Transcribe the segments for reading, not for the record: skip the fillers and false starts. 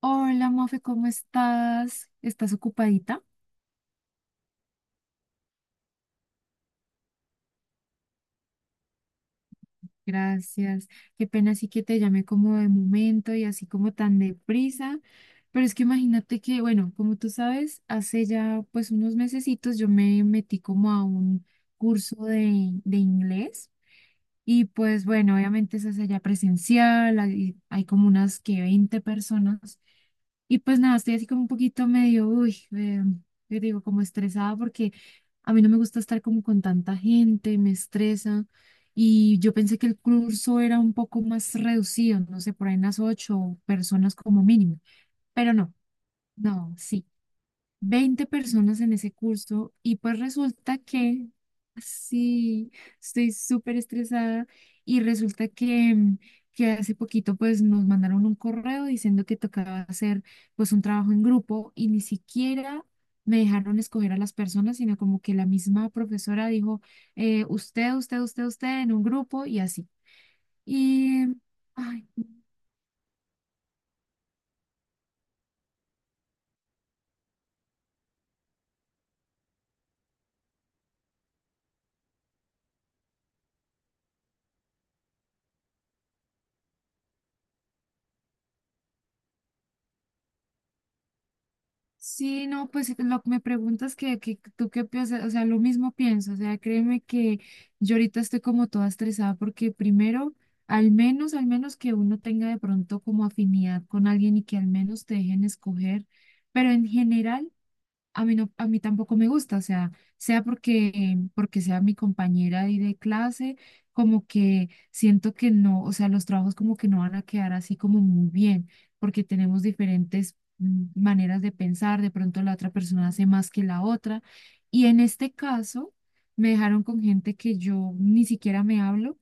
Hola, Mofe, ¿cómo estás? ¿Estás ocupadita? Gracias. Qué pena sí que te llamé como de momento y así como tan deprisa, pero es que imagínate que, bueno, como tú sabes, hace ya pues unos mesecitos yo me metí como a un curso de inglés. Y pues bueno, obviamente eso es allá presencial, hay como unas que 20 personas. Y pues nada, estoy así como un poquito medio, uy, yo digo como estresada porque a mí no me gusta estar como con tanta gente, me estresa. Y yo pensé que el curso era un poco más reducido, no sé, por ahí unas ocho personas como mínimo. Pero no, no, sí, 20 personas en ese curso y pues resulta que, sí, estoy súper estresada y resulta que, que hace poquito pues nos mandaron un correo diciendo que tocaba hacer pues un trabajo en grupo y ni siquiera me dejaron escoger a las personas, sino como que la misma profesora dijo, usted, usted, usted, usted en un grupo y así. Y, ay. Sí, no, pues lo que me preguntas que, tú qué piensas, o sea, lo mismo pienso, o sea, créeme que yo ahorita estoy como toda estresada porque primero, al menos que uno tenga de pronto como afinidad con alguien y que al menos te dejen escoger, pero en general a mí no, a mí tampoco me gusta, o sea, sea porque sea mi compañera ahí de clase, como que siento que no, o sea, los trabajos como que no van a quedar así como muy bien, porque tenemos diferentes maneras de pensar, de pronto la otra persona hace más que la otra, y en este caso me dejaron con gente que yo ni siquiera me hablo.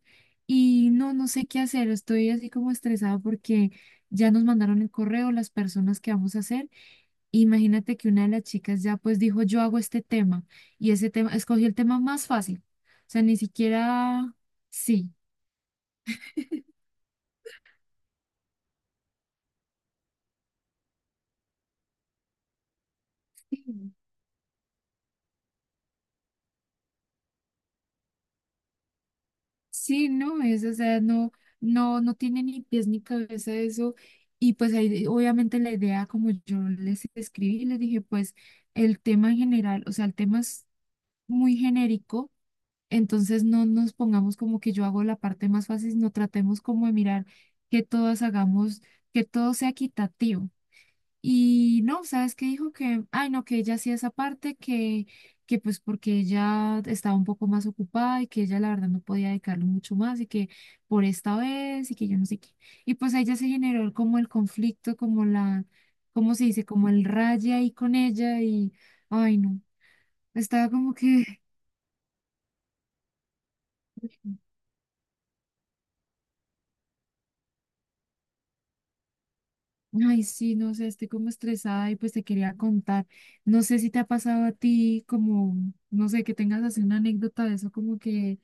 Y no, no sé qué hacer, estoy así como estresada porque ya nos mandaron el correo, las personas que vamos a hacer. Imagínate que una de las chicas ya pues dijo, yo hago este tema y ese tema, escogió el tema más fácil. O sea, ni siquiera, sí. Sí. Sí, no es, o sea, no, no, no tiene ni pies ni cabeza eso. Y pues ahí obviamente la idea, como yo les escribí, les dije, pues el tema en general, o sea, el tema es muy genérico, entonces no nos pongamos como que yo hago la parte más fácil, no tratemos como de mirar que todos hagamos, que todo sea equitativo. Y no, ¿sabes qué dijo? Que, ay, no, que ella hacía esa parte, que pues porque ella estaba un poco más ocupada y que ella la verdad no podía dedicarle mucho más y que por esta vez y que yo no sé qué. Y pues a ella se generó como el conflicto, como la, ¿cómo se dice? Como el raye ahí con ella y, ay, no, estaba como que, ay, sí, no sé, estoy como estresada y pues te quería contar. No sé si te ha pasado a ti como, no sé, que tengas así una anécdota de eso, como que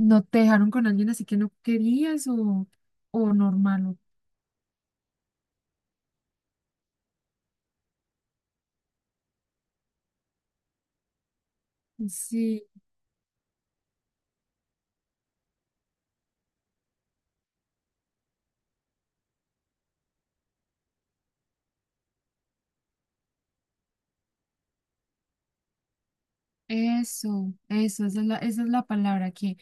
¿no te dejaron con alguien así que no querías o normal? Sí, eso, esa es la palabra, que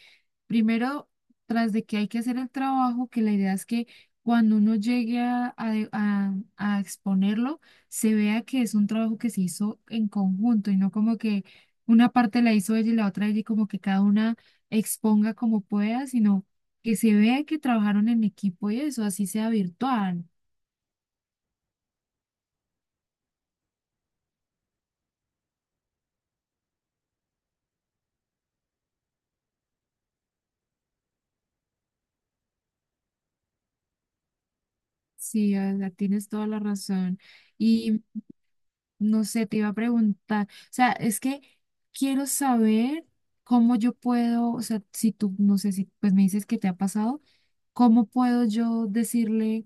primero, tras de que hay que hacer el trabajo, que la idea es que cuando uno llegue a exponerlo, se vea que es un trabajo que se hizo en conjunto y no como que una parte la hizo ella y la otra ella y como que cada una exponga como pueda, sino que se vea que trabajaron en equipo y eso, así sea virtual. Sí, Olga, tienes toda la razón. Y no sé, te iba a preguntar, o sea, es que quiero saber cómo yo puedo, o sea, si tú, no sé si pues me dices que te ha pasado. ¿Cómo puedo yo decirle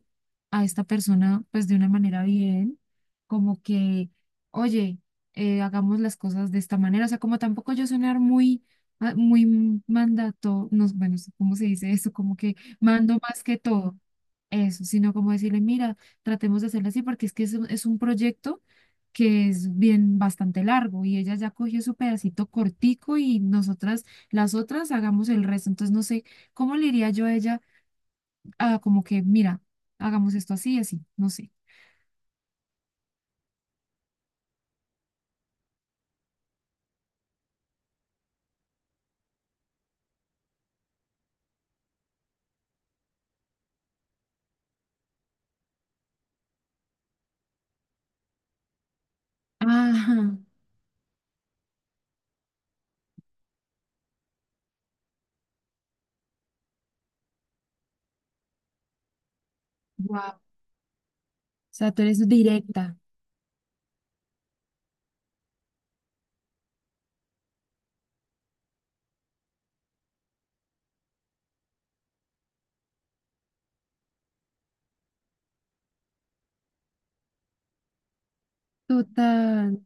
a esta persona, pues de una manera bien, como que, oye, hagamos las cosas de esta manera? O sea, como tampoco yo sonar muy, ah, muy mandato, no, bueno, ¿cómo se dice eso? Como que mando más que todo. Eso, sino como decirle, mira, tratemos de hacerlo así porque es que es es un proyecto que es bien bastante largo y ella ya cogió su pedacito cortico y nosotras, las otras, hagamos el resto. Entonces, no sé, ¿cómo le diría yo a ella? Ah, como que, mira, hagamos esto así, así, no sé. Ajá, wow. O sea, tú eres directa. Total.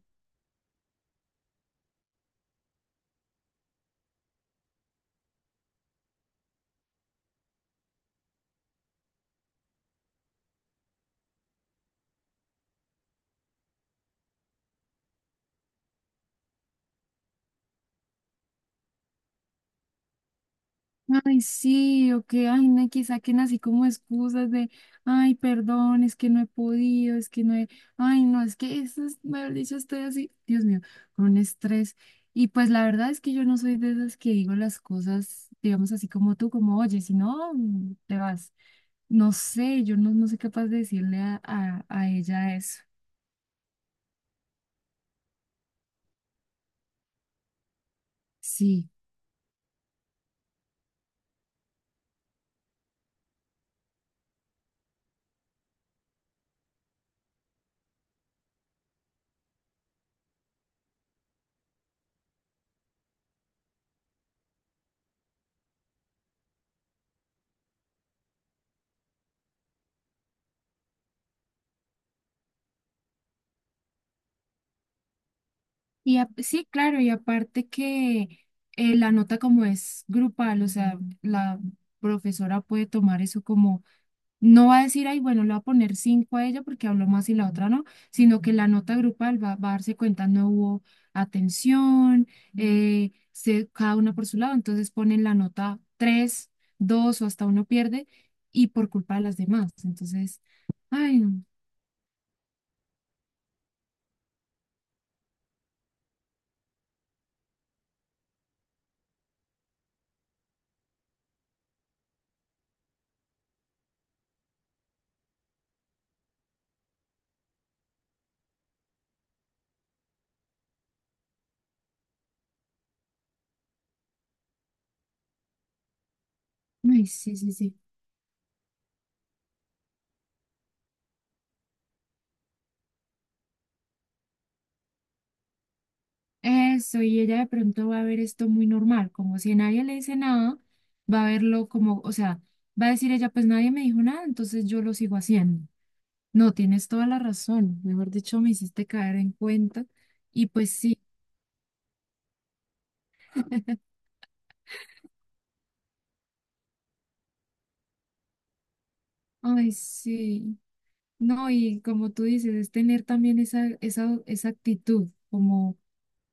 Ay, sí, o que, ay, no, que saquen así como excusas de, ay, perdón, es que no he podido, es que no he, ay, no, es que eso es, mejor dicho, estoy así, Dios mío, con un estrés. Y pues la verdad es que yo no soy de esas que digo las cosas, digamos así como tú, como, oye, si no, te vas. No sé, yo no, no soy capaz de decirle a ella eso. Sí. Y sí, claro, y aparte que la nota como es grupal, o sea, la profesora puede tomar eso como, no va a decir, ay, bueno, le va a poner cinco a ella porque habló más y la otra no, sino que la nota grupal va a darse cuenta, no hubo atención, cada una por su lado, entonces ponen la nota tres, dos o hasta uno pierde y por culpa de las demás. Entonces, ay, no, ay, sí, sí, sí. Eso, y ella de pronto va a ver esto muy normal, como si nadie le dice nada, va a verlo como, o sea, va a decir ella, pues nadie me dijo nada, entonces yo lo sigo haciendo. No, tienes toda la razón, mejor dicho, me hiciste caer en cuenta y pues sí, ay, sí, no, y como tú dices, es tener también esa actitud, como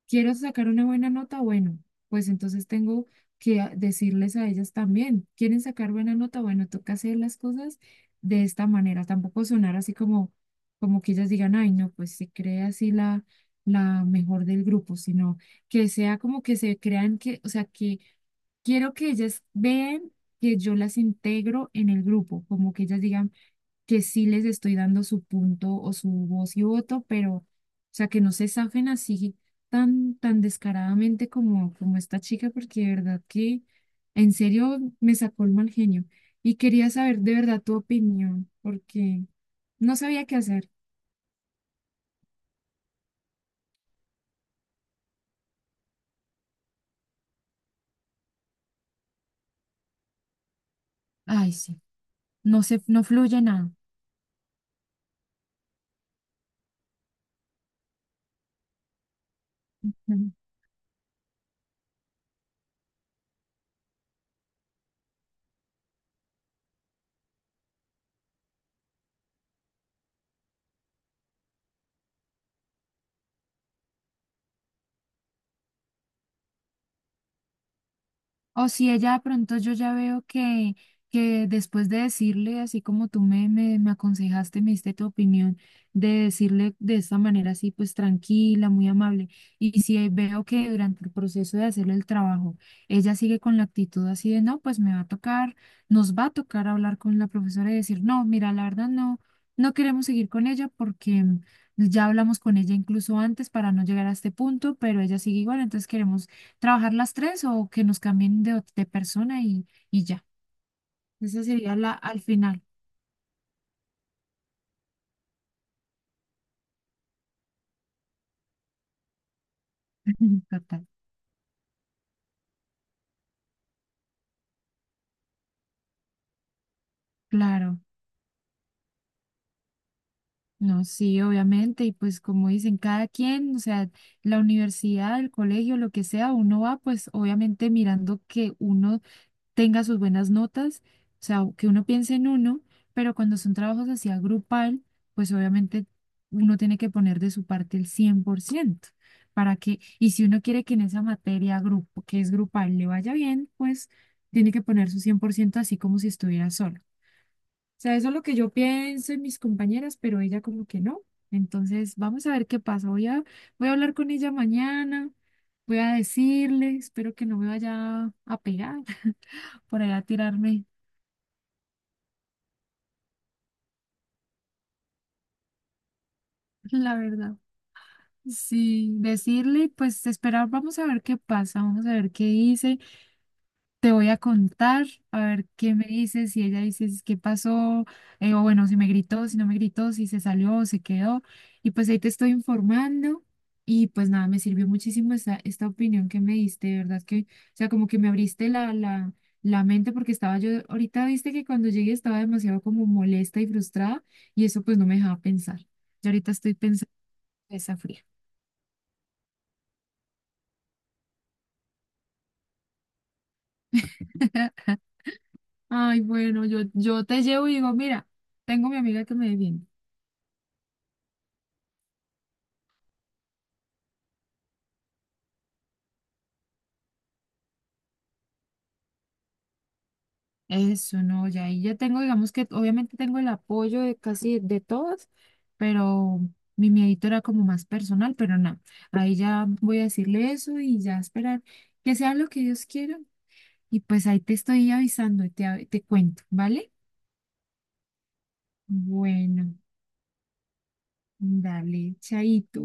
quiero sacar una buena nota, bueno, pues entonces tengo que decirles a ellas también, ¿quieren sacar buena nota? Bueno, toca hacer las cosas de esta manera, tampoco sonar así como, como que ellas digan, ay, no, pues se cree así la mejor del grupo, sino que sea como que se crean que, o sea, que quiero que ellas vean que yo las integro en el grupo, como que ellas digan, que sí les estoy dando su punto o su voz y voto, pero, o sea, que no se zafen así tan descaradamente como, como esta chica, porque de verdad que en serio me sacó el mal genio. Y quería saber de verdad tu opinión, porque no sabía qué hacer. Ay, sí, no se, no fluye nada. O si ella de pronto yo ya veo que después de decirle, así como tú me aconsejaste, me diste tu opinión, de decirle de esta manera así, pues tranquila, muy amable, y si veo que durante el proceso de hacerle el trabajo, ella sigue con la actitud así de, no, pues me va a tocar, nos va a tocar hablar con la profesora y decir, no, mira, la verdad no, no queremos seguir con ella porque... Ya hablamos con ella incluso antes para no llegar a este punto, pero ella sigue igual, entonces queremos trabajar las tres o que nos cambien de, de persona y ya. Esa sería la al final. Total. Claro, no, sí, obviamente. Y pues como dicen, cada quien, o sea, la universidad, el colegio, lo que sea, uno va pues obviamente mirando que uno tenga sus buenas notas, o sea, que uno piense en uno, pero cuando son trabajos así a grupal, pues obviamente uno tiene que poner de su parte el 100% para que, y si uno quiere que en esa materia grupo, que es grupal, le vaya bien, pues tiene que poner su 100% así como si estuviera solo sea, eso es lo que yo pienso y mis compañeras, pero ella como que no. Entonces, vamos a ver qué pasa. Voy a, voy a hablar con ella mañana, voy a decirle, espero que no me vaya a pegar por ahí a tirarme, la verdad. Sí, decirle, pues esperar, vamos a ver qué pasa, vamos a ver qué dice. Te voy a contar, a ver qué me dices, si ella dice qué pasó, o bueno, si me gritó, si no me gritó, si se salió o se quedó. Y pues ahí te estoy informando. Y pues nada, me sirvió muchísimo esta opinión que me diste, de verdad que, o sea, como que me abriste la mente porque estaba yo, ahorita viste que cuando llegué estaba demasiado como molesta y frustrada y eso pues no me dejaba pensar. Yo ahorita estoy pensando en esa fría. Ay, bueno, yo te llevo y digo, mira, tengo mi amiga que me defiende. Eso no, ya ahí ya tengo, digamos que obviamente tengo el apoyo de casi de todas, pero mi miedito era como más personal, pero nada, ahí ya voy a decirle eso y ya esperar que sea lo que Dios quiera. Y pues ahí te estoy avisando y te cuento, ¿vale? Bueno, dale, chaito.